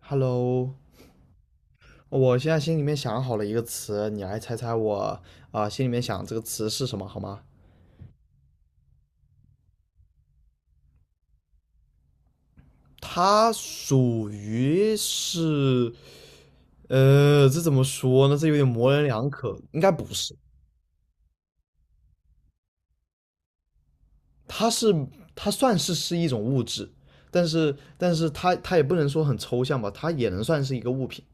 Hello，我现在心里面想好了一个词，你来猜猜我心里面想这个词是什么，好吗？它属于是，这怎么说呢？这有点模棱两可，应该不是。它是它算是一种物质，但是它也不能说很抽象吧，它也能算是一个物品。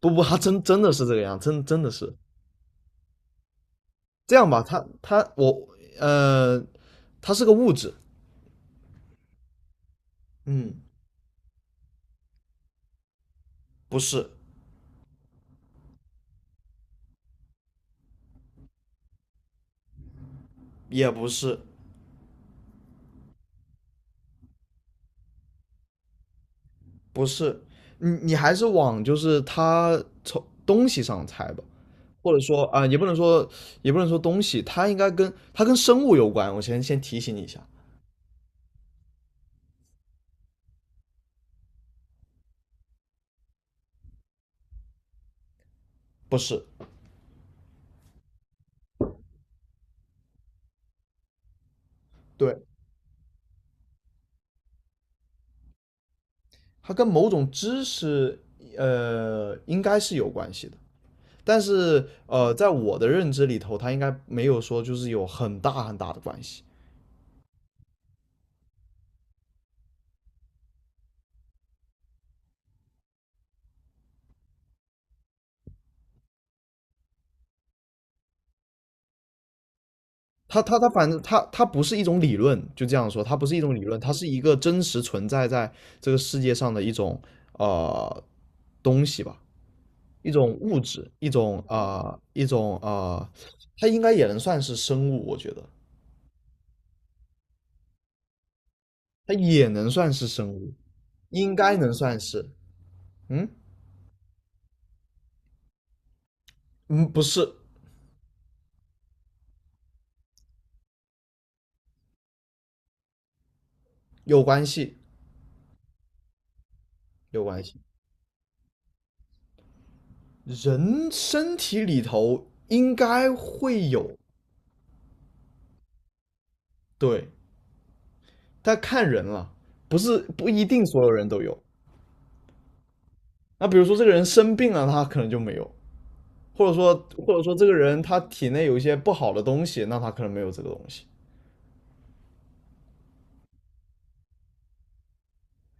不，它真的是这个样，真的是这样吧？呃，它是个物质，嗯，不是。也不是，不是，你还是往就是它从东西上猜吧，或者说啊、也不能说东西，它应该跟它跟生物有关。我先提醒你一下，不是，对，它跟某种知识应该是有关系的，但是在我的认知里头，它应该没有说就是有很大很大的关系。它反正它不是一种理论，就这样说，它不是一种理论，它是一个真实存在在这个世界上的一种呃东西吧，一种物质，一种啊、呃一种啊、呃它应该也能算是生物，我觉得它也能算是生物，应该能算是，嗯嗯，不是，有关系，有关系，人身体里头应该会有，对，但看人了，不是不一定所有人都有。那比如说这个人生病了，他可能就没有，或者说这个人他体内有一些不好的东西，那他可能没有这个东西。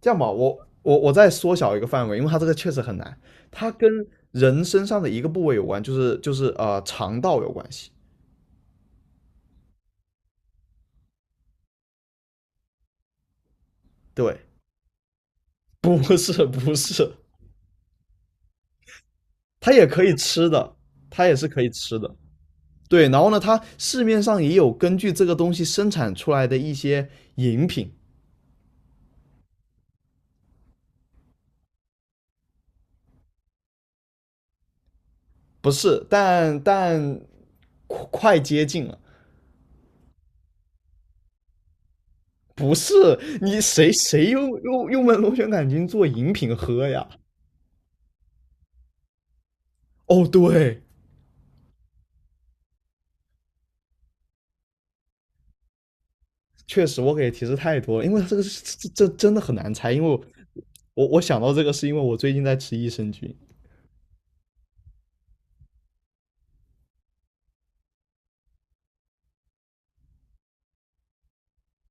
这样吧，我再缩小一个范围，因为它这个确实很难，它跟人身上的一个部位有关，就是肠道有关系。对，不是不是，它也可以吃的，它也是可以吃的。对，然后呢，它市面上也有根据这个东西生产出来的一些饮品，不是，但快接近了。不是，你谁用门螺旋杆菌做饮品喝呀？哦，对，确实我给提示太多了，因为这个真的很难猜，因为我想到这个是因为我最近在吃益生菌。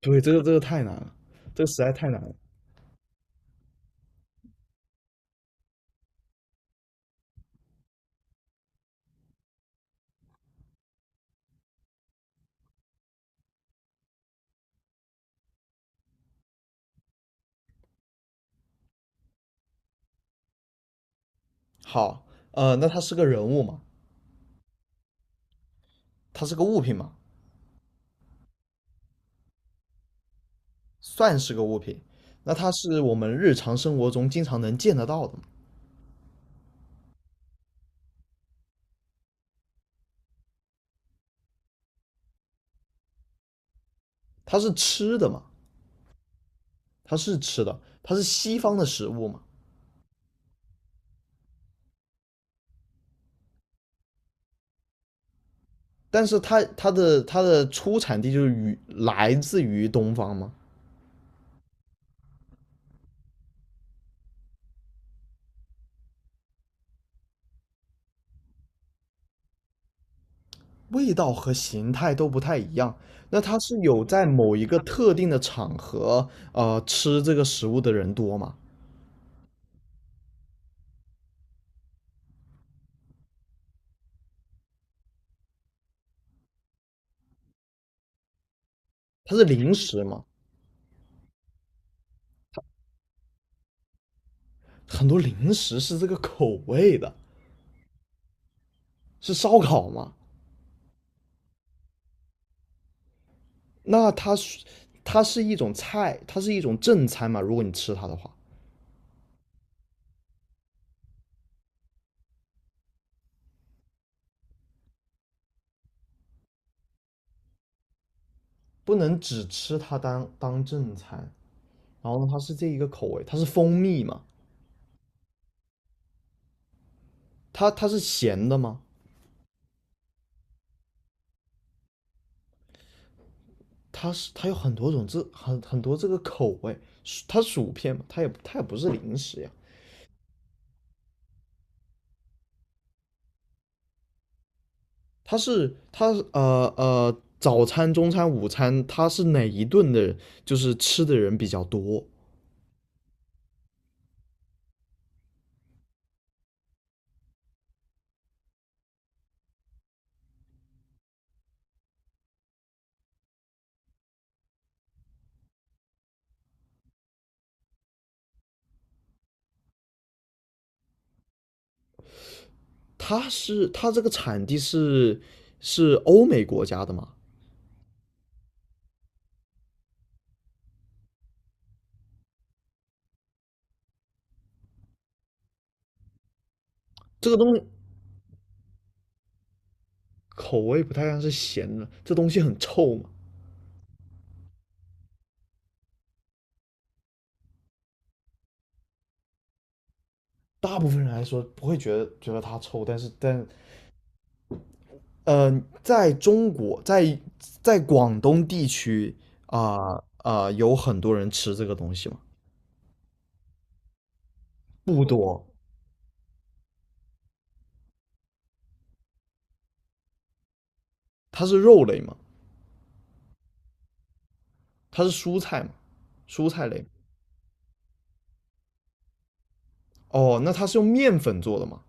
对，这个太难了，这个实在太难了。好，那它是个人物嘛？它是个物品嘛？算是个物品。那它是我们日常生活中经常能见得到的嘛？它是吃的嘛？它是吃的，它是西方的食物嘛？但是它的出产地就是与来自于东方吗？味道和形态都不太一样，那它是有在某一个特定的场合，吃这个食物的人多吗？它是零食吗？很多零食是这个口味的，是烧烤吗？那它是一种菜，它是一种正餐嘛？如果你吃它的话，不能只吃它当正餐。然后呢，它是这一个口味，它是蜂蜜嘛？它是咸的吗？它有很多种这很多这个口味，它薯片嘛，它也不是零食呀，它是它呃呃早餐、中餐、午餐，它是哪一顿的，就是吃的人比较多？它这个产地是欧美国家的嘛？这个东西口味不太像是咸的，这东西很臭嘛。大部分人来说不会觉得它臭，但是在中国，在广东地区有很多人吃这个东西吗？不多，它是肉类吗？它是蔬菜吗？蔬菜类。哦，那它是用面粉做的吗？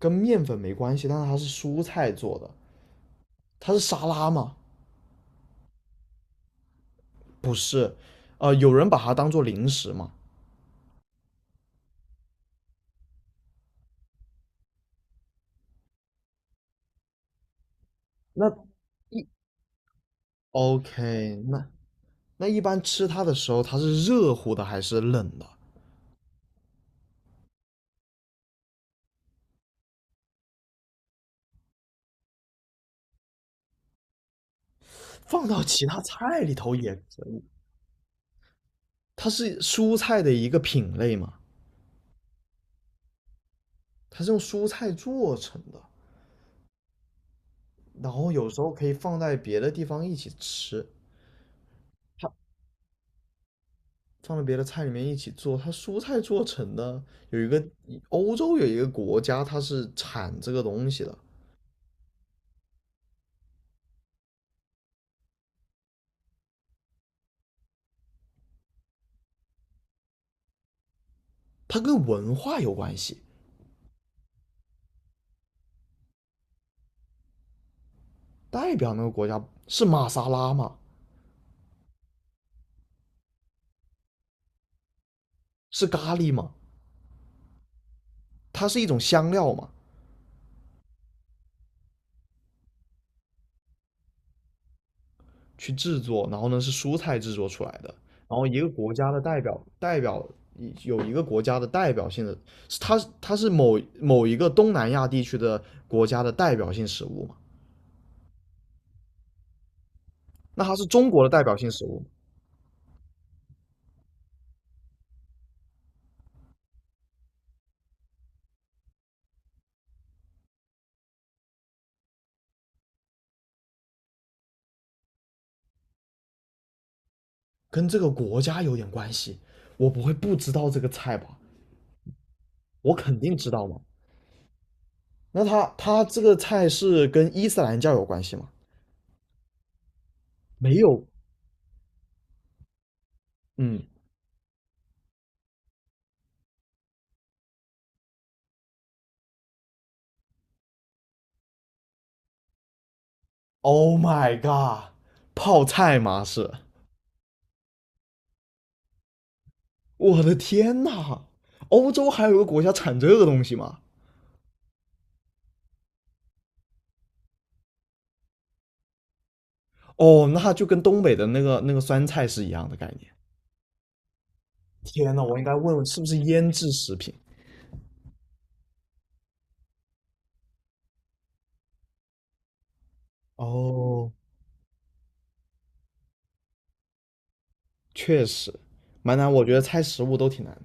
跟面粉没关系，但是它是蔬菜做的，它是沙拉吗？不是，有人把它当做零食吗？那一 OK，那一般吃它的时候，它是热乎的还是冷的？放到其他菜里头也可以。它是蔬菜的一个品类嘛，它是用蔬菜做成的，然后有时候可以放在别的地方一起吃，它放在别的菜里面一起做。它蔬菜做成的，有一个欧洲有一个国家，它是产这个东西的，它跟文化有关系。代表那个国家是玛莎拉吗？是咖喱吗？它是一种香料吗？去制作，然后呢是蔬菜制作出来的。然后一个国家的代表有一个国家的代表性的，是它是一个东南亚地区的国家的代表性食物嘛？那它是中国的代表性食物跟这个国家有点关系。我不会不知道这个菜吧？我肯定知道嘛。那它这个菜是跟伊斯兰教有关系吗？没有。嗯，Oh my god，泡菜嘛是。我的天呐，欧洲还有个国家产这个东西吗？哦，那就跟东北的那个酸菜是一样的概念。天呐，我应该问问是不是腌制食品？哦，确实，蛮难，我觉得猜食物都挺难的。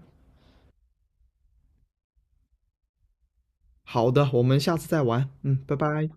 好的，我们下次再玩。嗯，拜拜。